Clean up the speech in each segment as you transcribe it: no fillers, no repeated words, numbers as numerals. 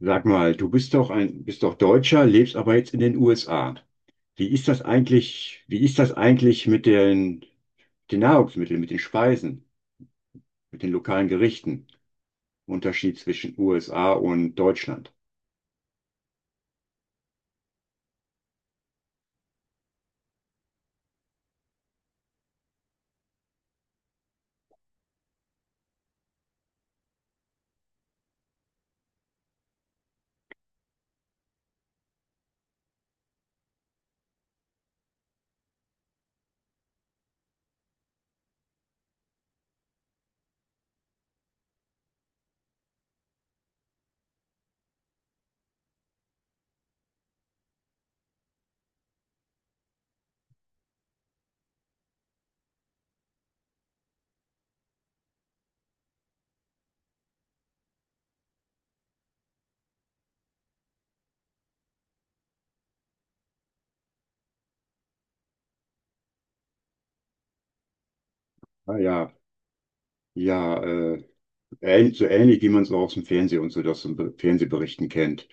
Sag mal, du bist doch bist doch Deutscher, lebst aber jetzt in den USA. Wie ist das eigentlich, mit den, den Nahrungsmitteln, mit den Speisen, mit den lokalen Gerichten? Unterschied zwischen USA und Deutschland. Ah, ja, ja, so ähnlich wie man es auch aus dem Fernsehen und so das im Fernsehberichten kennt.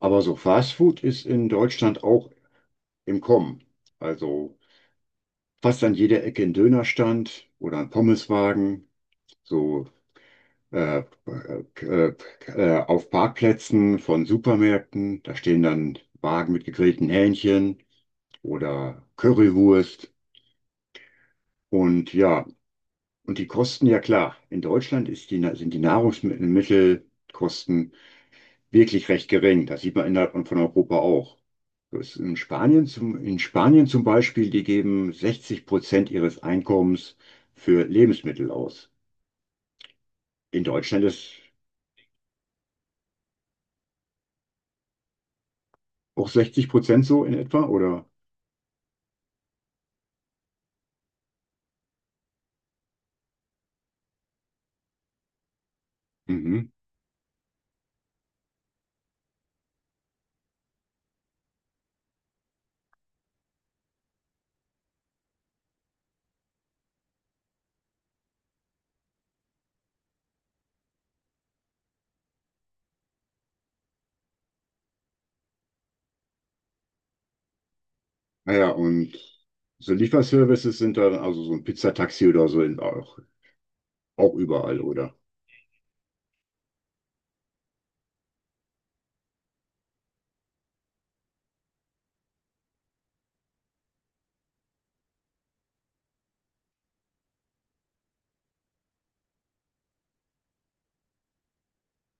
Aber so Fast Food ist in Deutschland auch im Kommen. Also fast an jeder Ecke ein Dönerstand oder ein Pommeswagen. So äh, äh, auf Parkplätzen von Supermärkten. Da stehen dann Wagen mit gegrillten Hähnchen oder Currywurst. Und ja, und die Kosten, ja klar, in Deutschland sind die Nahrungsmittelkosten wirklich recht gering. Das sieht man innerhalb von Europa auch. So ist in Spanien zum Beispiel, die geben 60% ihres Einkommens für Lebensmittel aus. In Deutschland ist auch 60% so in etwa, oder? Mhm. Naja, und so Lieferservices sind dann also so ein Pizzataxi auch, auch überall, oder?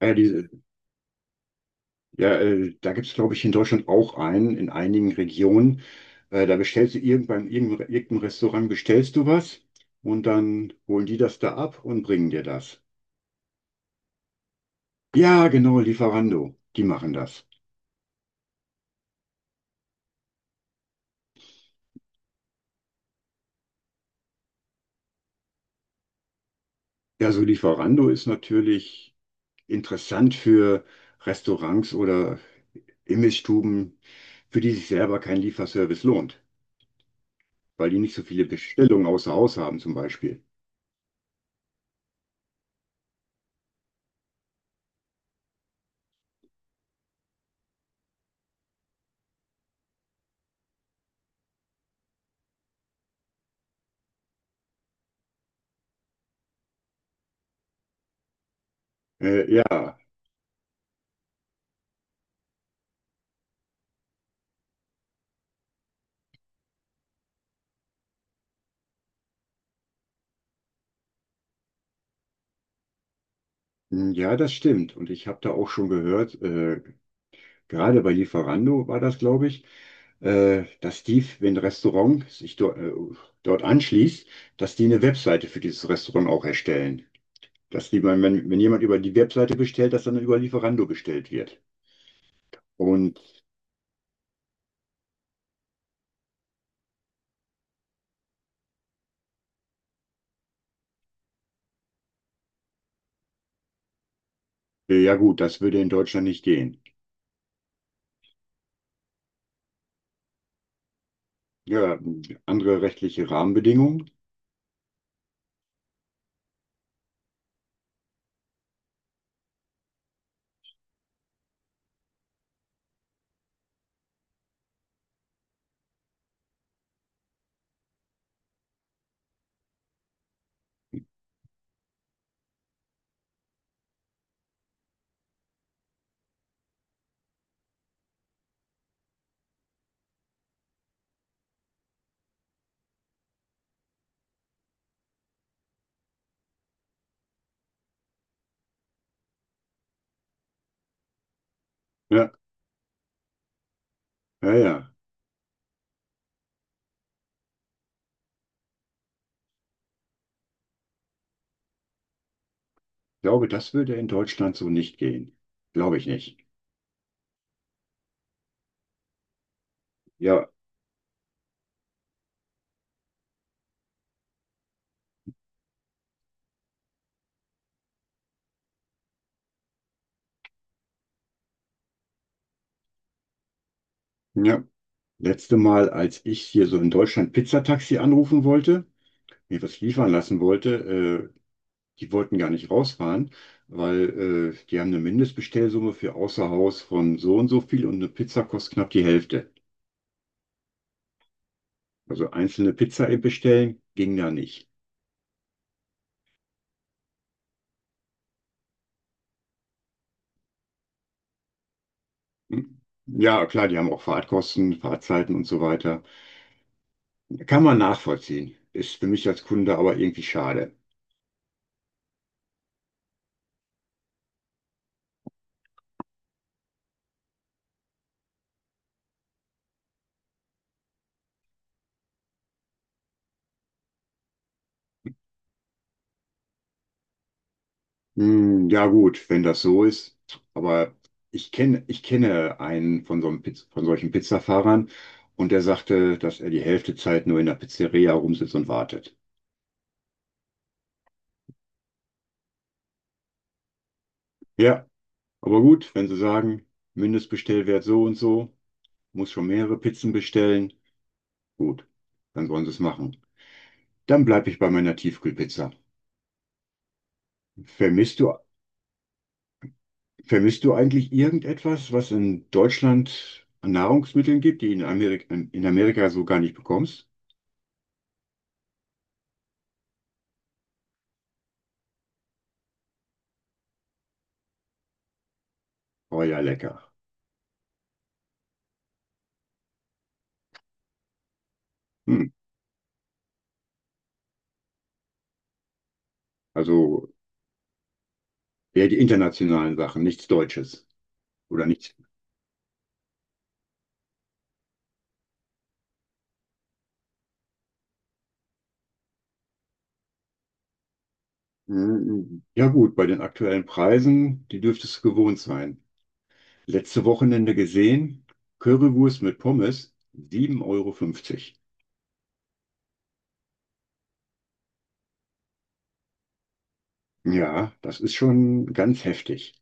Ja, diese, ja, da gibt es, glaube ich, in Deutschland auch einen, in einigen Regionen. Da beim irgendeinem Restaurant bestellst du was und dann holen die das da ab und bringen dir das. Ja, genau, Lieferando, die machen das. Ja, so Lieferando ist natürlich interessant für Restaurants oder Imbissstuben, für die sich selber kein Lieferservice lohnt, weil die nicht so viele Bestellungen außer Haus haben zum Beispiel. Ja, hm, ja, das stimmt. Und ich habe da auch schon gehört, gerade bei Lieferando war das, glaube ich, dass die, wenn ein Restaurant sich do, dort anschließt, dass die eine Webseite für dieses Restaurant auch erstellen. Dass die, wenn, wenn jemand über die Webseite bestellt, dass dann über Lieferando bestellt wird. Und äh, ja gut, das würde in Deutschland nicht gehen. Ja, andere rechtliche Rahmenbedingungen. Ja, ja, ja. Ich glaube, das würde in Deutschland so nicht gehen. Glaube ich nicht. Ja, ja. Letzte Mal, als ich hier so in Deutschland Pizzataxi anrufen wollte, mir was liefern lassen wollte, die wollten gar nicht rausfahren, weil die haben eine Mindestbestellsumme für außer Haus von so und so viel und eine Pizza kostet knapp die Hälfte. Also einzelne Pizza bestellen ging da nicht. Hm? Ja, klar, die haben auch Fahrtkosten, Fahrtzeiten und so weiter. Kann man nachvollziehen. Ist für mich als Kunde aber irgendwie schade. Hm, ja, gut, wenn das so ist. Aber ich kenne einen von so einem Piz von solchen Pizzafahrern und der sagte, dass er die Hälfte Zeit nur in der Pizzeria rumsitzt und wartet. Ja, aber gut, wenn Sie sagen, Mindestbestellwert so und so, muss schon mehrere Pizzen bestellen. Gut, dann sollen Sie es machen. Dann bleibe ich bei meiner Tiefkühlpizza. Vermisst du Vermisst du eigentlich irgendetwas, was in Deutschland an Nahrungsmitteln gibt, die in Amerika so gar nicht bekommst? Oh ja, lecker. Hm. Also eher die internationalen Sachen, nichts Deutsches oder nichts. Hm, ja gut, bei den aktuellen Preisen, die dürftest du gewohnt sein. Letzte Wochenende gesehen, Currywurst mit Pommes, 7,50 Euro. Ja, das ist schon ganz heftig.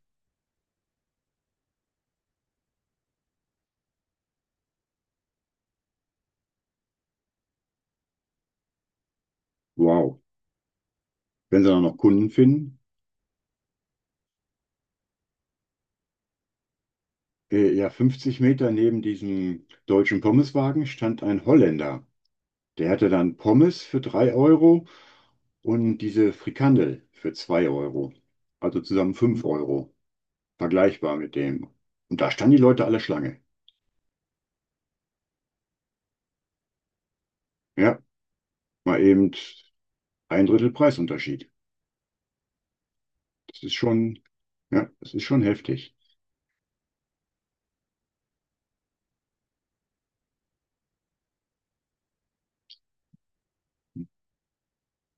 Wow. Wenn sie dann noch Kunden finden. Ja, 50 Meter neben diesem deutschen Pommeswagen stand ein Holländer. Der hatte dann Pommes für 3 Euro und diese Frikandel für 2 Euro. Also zusammen 5 Euro. Vergleichbar mit dem. Und da standen die Leute alle Schlange. Ja, mal eben ein Drittel Preisunterschied. Das ist schon, ja, das ist schon heftig.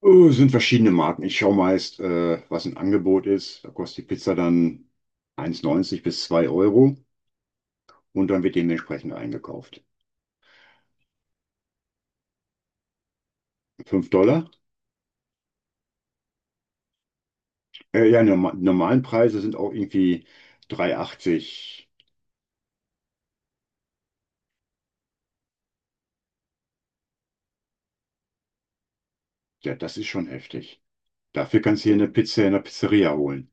Oh, es sind verschiedene Marken. Ich schaue meist, was ein Angebot ist. Da kostet die Pizza dann 1,90 bis 2 Euro und dann wird dementsprechend eingekauft. 5 Dollar? Ja, normalen Preise sind auch irgendwie 3,80. Ja, das ist schon heftig. Dafür kannst du hier eine Pizza in der Pizzeria holen.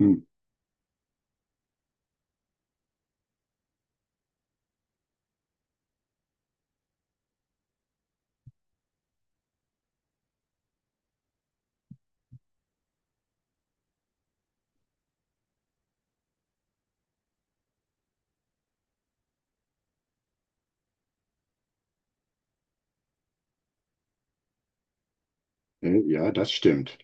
Hm. Ja, das stimmt.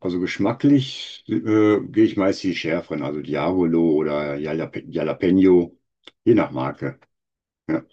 Also geschmacklich gehe ich meist die schärferen, also Diavolo oder Jalapeno, je nach Marke. Ja.